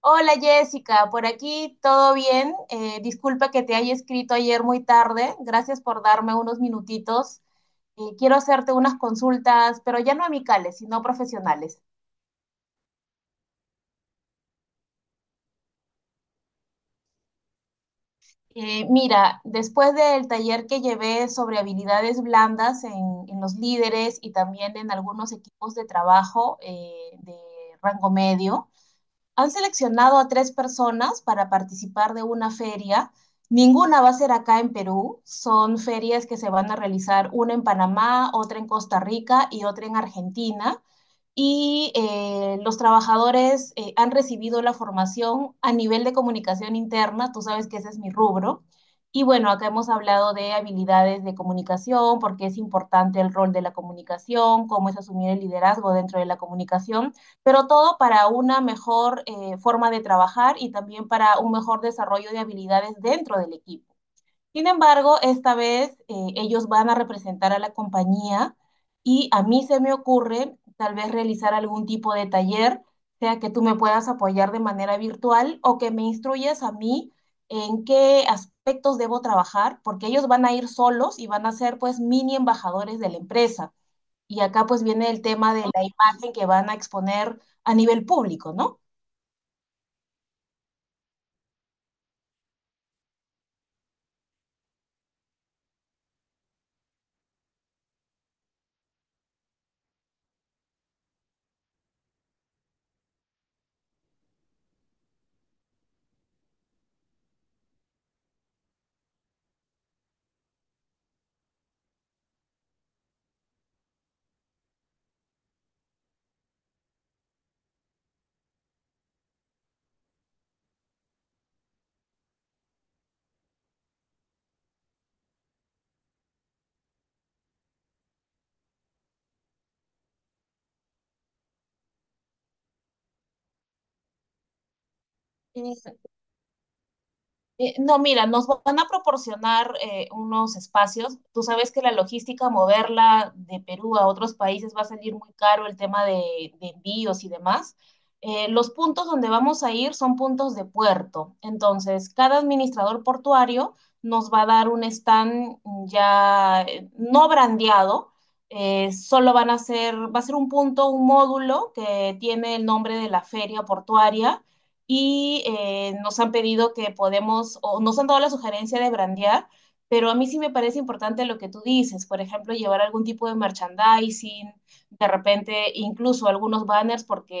Hola Jessica, por aquí todo bien. Disculpa que te haya escrito ayer muy tarde. Gracias por darme unos minutitos. Quiero hacerte unas consultas, pero ya no amicales, sino profesionales. Mira, después del taller que llevé sobre habilidades blandas en los líderes y también en algunos equipos de trabajo de rango medio, han seleccionado a tres personas para participar de una feria. Ninguna va a ser acá en Perú. Son ferias que se van a realizar una en Panamá, otra en Costa Rica y otra en Argentina, y los trabajadores han recibido la formación a nivel de comunicación interna. Tú sabes que ese es mi rubro. Y bueno, acá hemos hablado de habilidades de comunicación, por qué es importante el rol de la comunicación, cómo es asumir el liderazgo dentro de la comunicación, pero todo para una mejor forma de trabajar y también para un mejor desarrollo de habilidades dentro del equipo. Sin embargo, esta vez ellos van a representar a la compañía, y a mí se me ocurre tal vez realizar algún tipo de taller, sea que tú me puedas apoyar de manera virtual o que me instruyas a mí en qué aspectos debo trabajar, porque ellos van a ir solos y van a ser pues mini embajadores de la empresa. Y acá pues viene el tema de la imagen que van a exponer a nivel público, ¿no? Eh, No, mira, nos van a proporcionar unos espacios. Tú sabes que la logística, moverla de Perú a otros países, va a salir muy caro el tema de envíos y demás. Los puntos donde vamos a ir son puntos de puerto. Entonces, cada administrador portuario nos va a dar un stand ya no brandeado. Solo van a va a ser un punto, un módulo que tiene el nombre de la feria portuaria, y nos han pedido que podemos, o nos han dado la sugerencia de brandear, pero a mí sí me parece importante lo que tú dices, por ejemplo, llevar algún tipo de merchandising, de repente incluso algunos banners, porque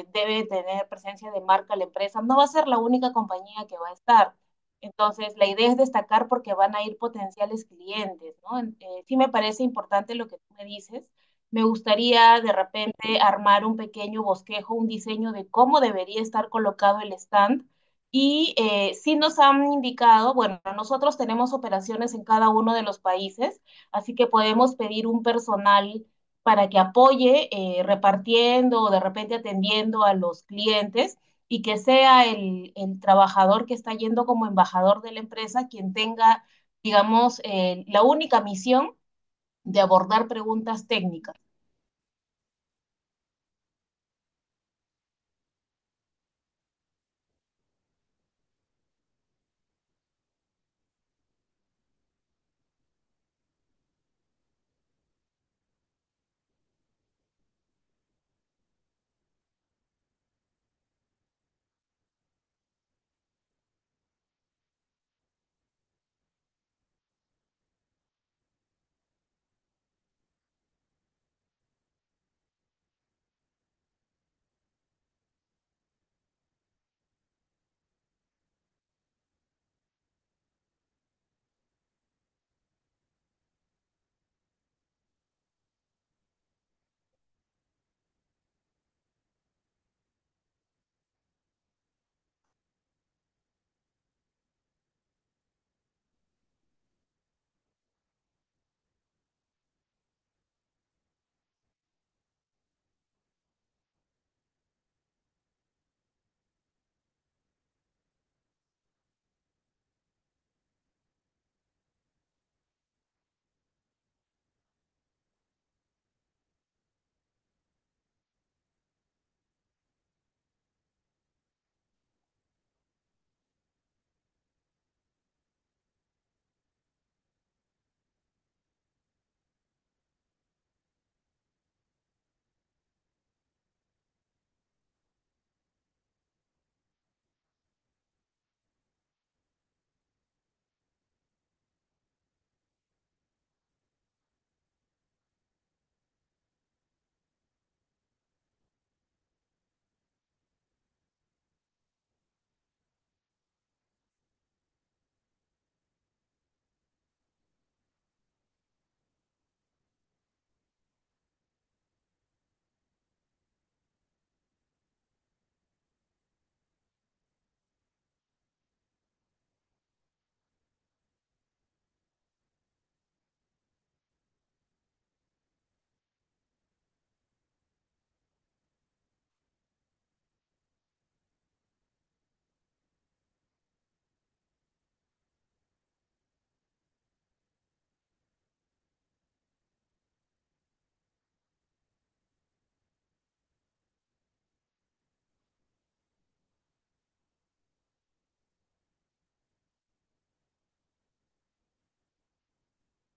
debe tener presencia de marca la empresa. No va a ser la única compañía que va a estar. Entonces, la idea es destacar porque van a ir potenciales clientes, ¿no? Sí me parece importante lo que tú me dices. Me gustaría de repente armar un pequeño bosquejo, un diseño de cómo debería estar colocado el stand. Y sí nos han indicado, bueno, nosotros tenemos operaciones en cada uno de los países, así que podemos pedir un personal para que apoye repartiendo o de repente atendiendo a los clientes, y que sea el trabajador que está yendo como embajador de la empresa quien tenga, digamos, la única misión de abordar preguntas técnicas.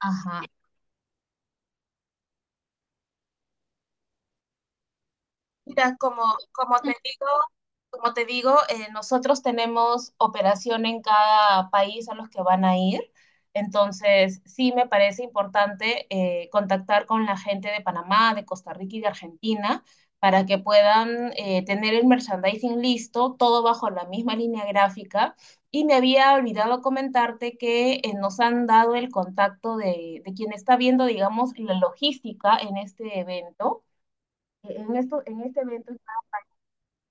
Ajá. Mira, como te digo, nosotros tenemos operación en cada país a los que van a ir. Entonces, sí me parece importante contactar con la gente de Panamá, de Costa Rica y de Argentina para que puedan tener el merchandising listo, todo bajo la misma línea gráfica. Y me había olvidado comentarte que nos han dado el contacto de quien está viendo, digamos, la logística en este evento. En este evento.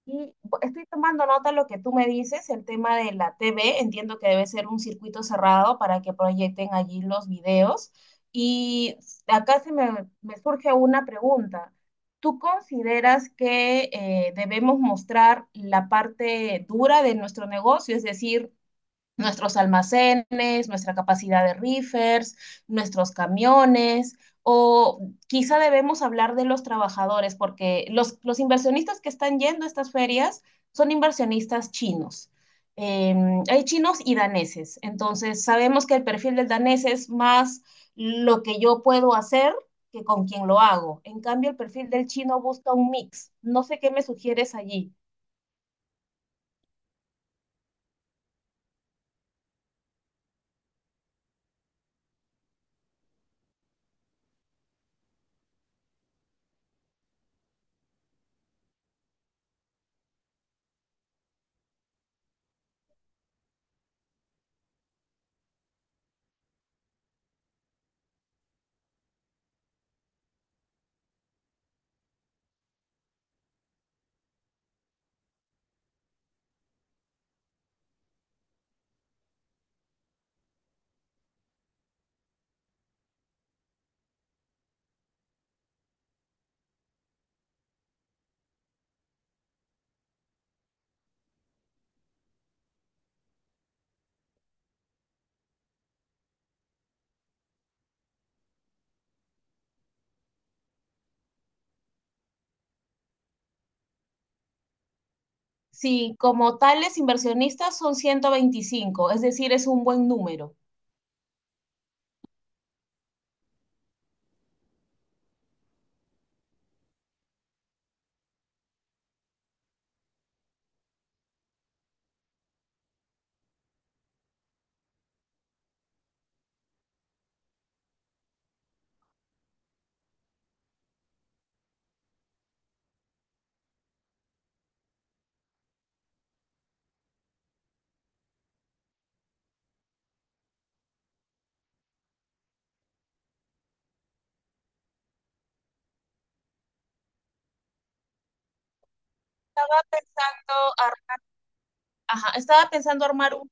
Y estoy tomando nota de lo que tú me dices, el tema de la TV. Entiendo que debe ser un circuito cerrado para que proyecten allí los videos. Y acá me surge una pregunta. ¿Tú consideras que debemos mostrar la parte dura de nuestro negocio, es decir, nuestros almacenes, nuestra capacidad de reefers, nuestros camiones, o quizá debemos hablar de los trabajadores? Porque los inversionistas que están yendo a estas ferias son inversionistas chinos. Eh, Hay chinos y daneses. Entonces sabemos que el perfil del danés es más lo que yo puedo hacer que con quien lo hago. En cambio, el perfil del chino busca un mix. No sé qué me sugieres allí. Sí, como tales inversionistas son 125, es decir, es un buen número. Estaba pensando, ar- ajá, estaba pensando armar un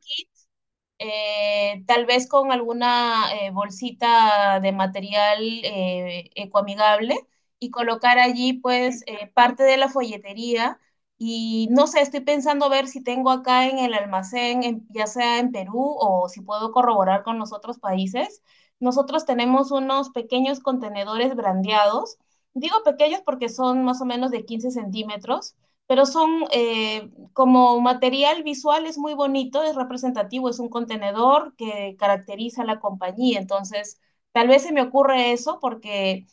tal vez con alguna bolsita de material ecoamigable, y colocar allí pues parte de la folletería. Y no sé, estoy pensando ver si tengo acá en el almacén, ya sea en Perú, o si puedo corroborar con los otros países. Nosotros tenemos unos pequeños contenedores brandeados. Digo pequeños porque son más o menos de 15 centímetros, pero son como material visual es muy bonito, es representativo. Es un contenedor que caracteriza a la compañía. Entonces, tal vez se me ocurre eso porque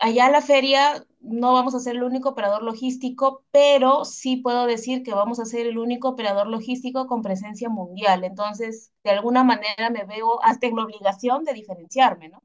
allá a la feria no vamos a ser el único operador logístico, pero sí puedo decir que vamos a ser el único operador logístico con presencia mundial. Entonces, de alguna manera me veo hasta en la obligación de diferenciarme, ¿no?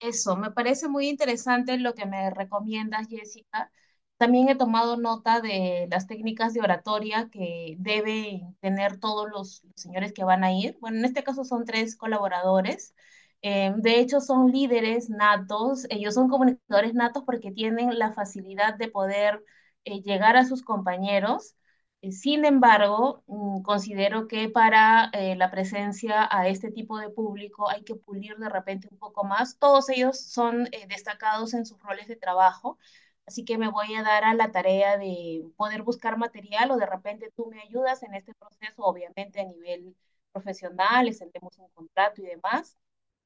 Eso, me parece muy interesante lo que me recomiendas, Jessica. También he tomado nota de las técnicas de oratoria que deben tener todos los señores que van a ir. Bueno, en este caso son tres colaboradores. De hecho, son líderes natos. Ellos son comunicadores natos porque tienen la facilidad de poder llegar a sus compañeros. Sin embargo, mm, considero que para la presencia a este tipo de público hay que pulir de repente un poco más. Todos ellos son destacados en sus roles de trabajo, así que me voy a dar a la tarea de poder buscar material, o de repente tú me ayudas en este proceso, obviamente a nivel profesional, extendemos un contrato y demás.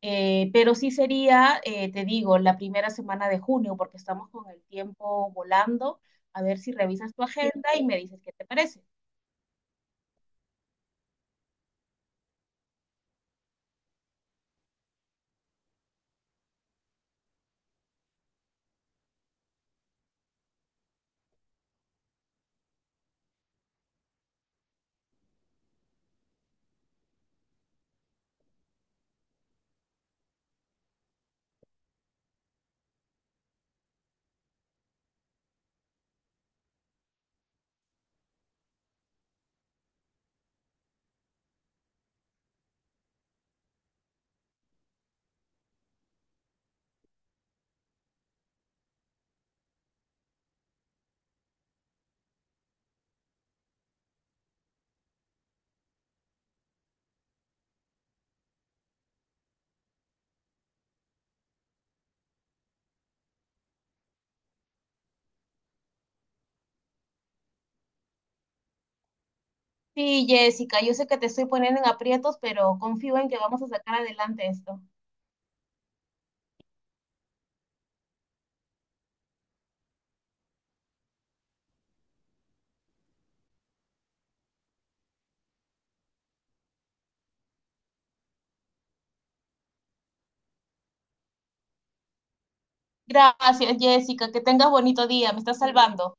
Pero sí sería, te digo, la primera semana de junio, porque estamos con el tiempo volando. A ver si revisas tu agenda y me dices qué te parece. Sí, Jessica, yo sé que te estoy poniendo en aprietos, pero confío en que vamos a sacar adelante esto. Gracias, Jessica, que tengas bonito día, me estás salvando.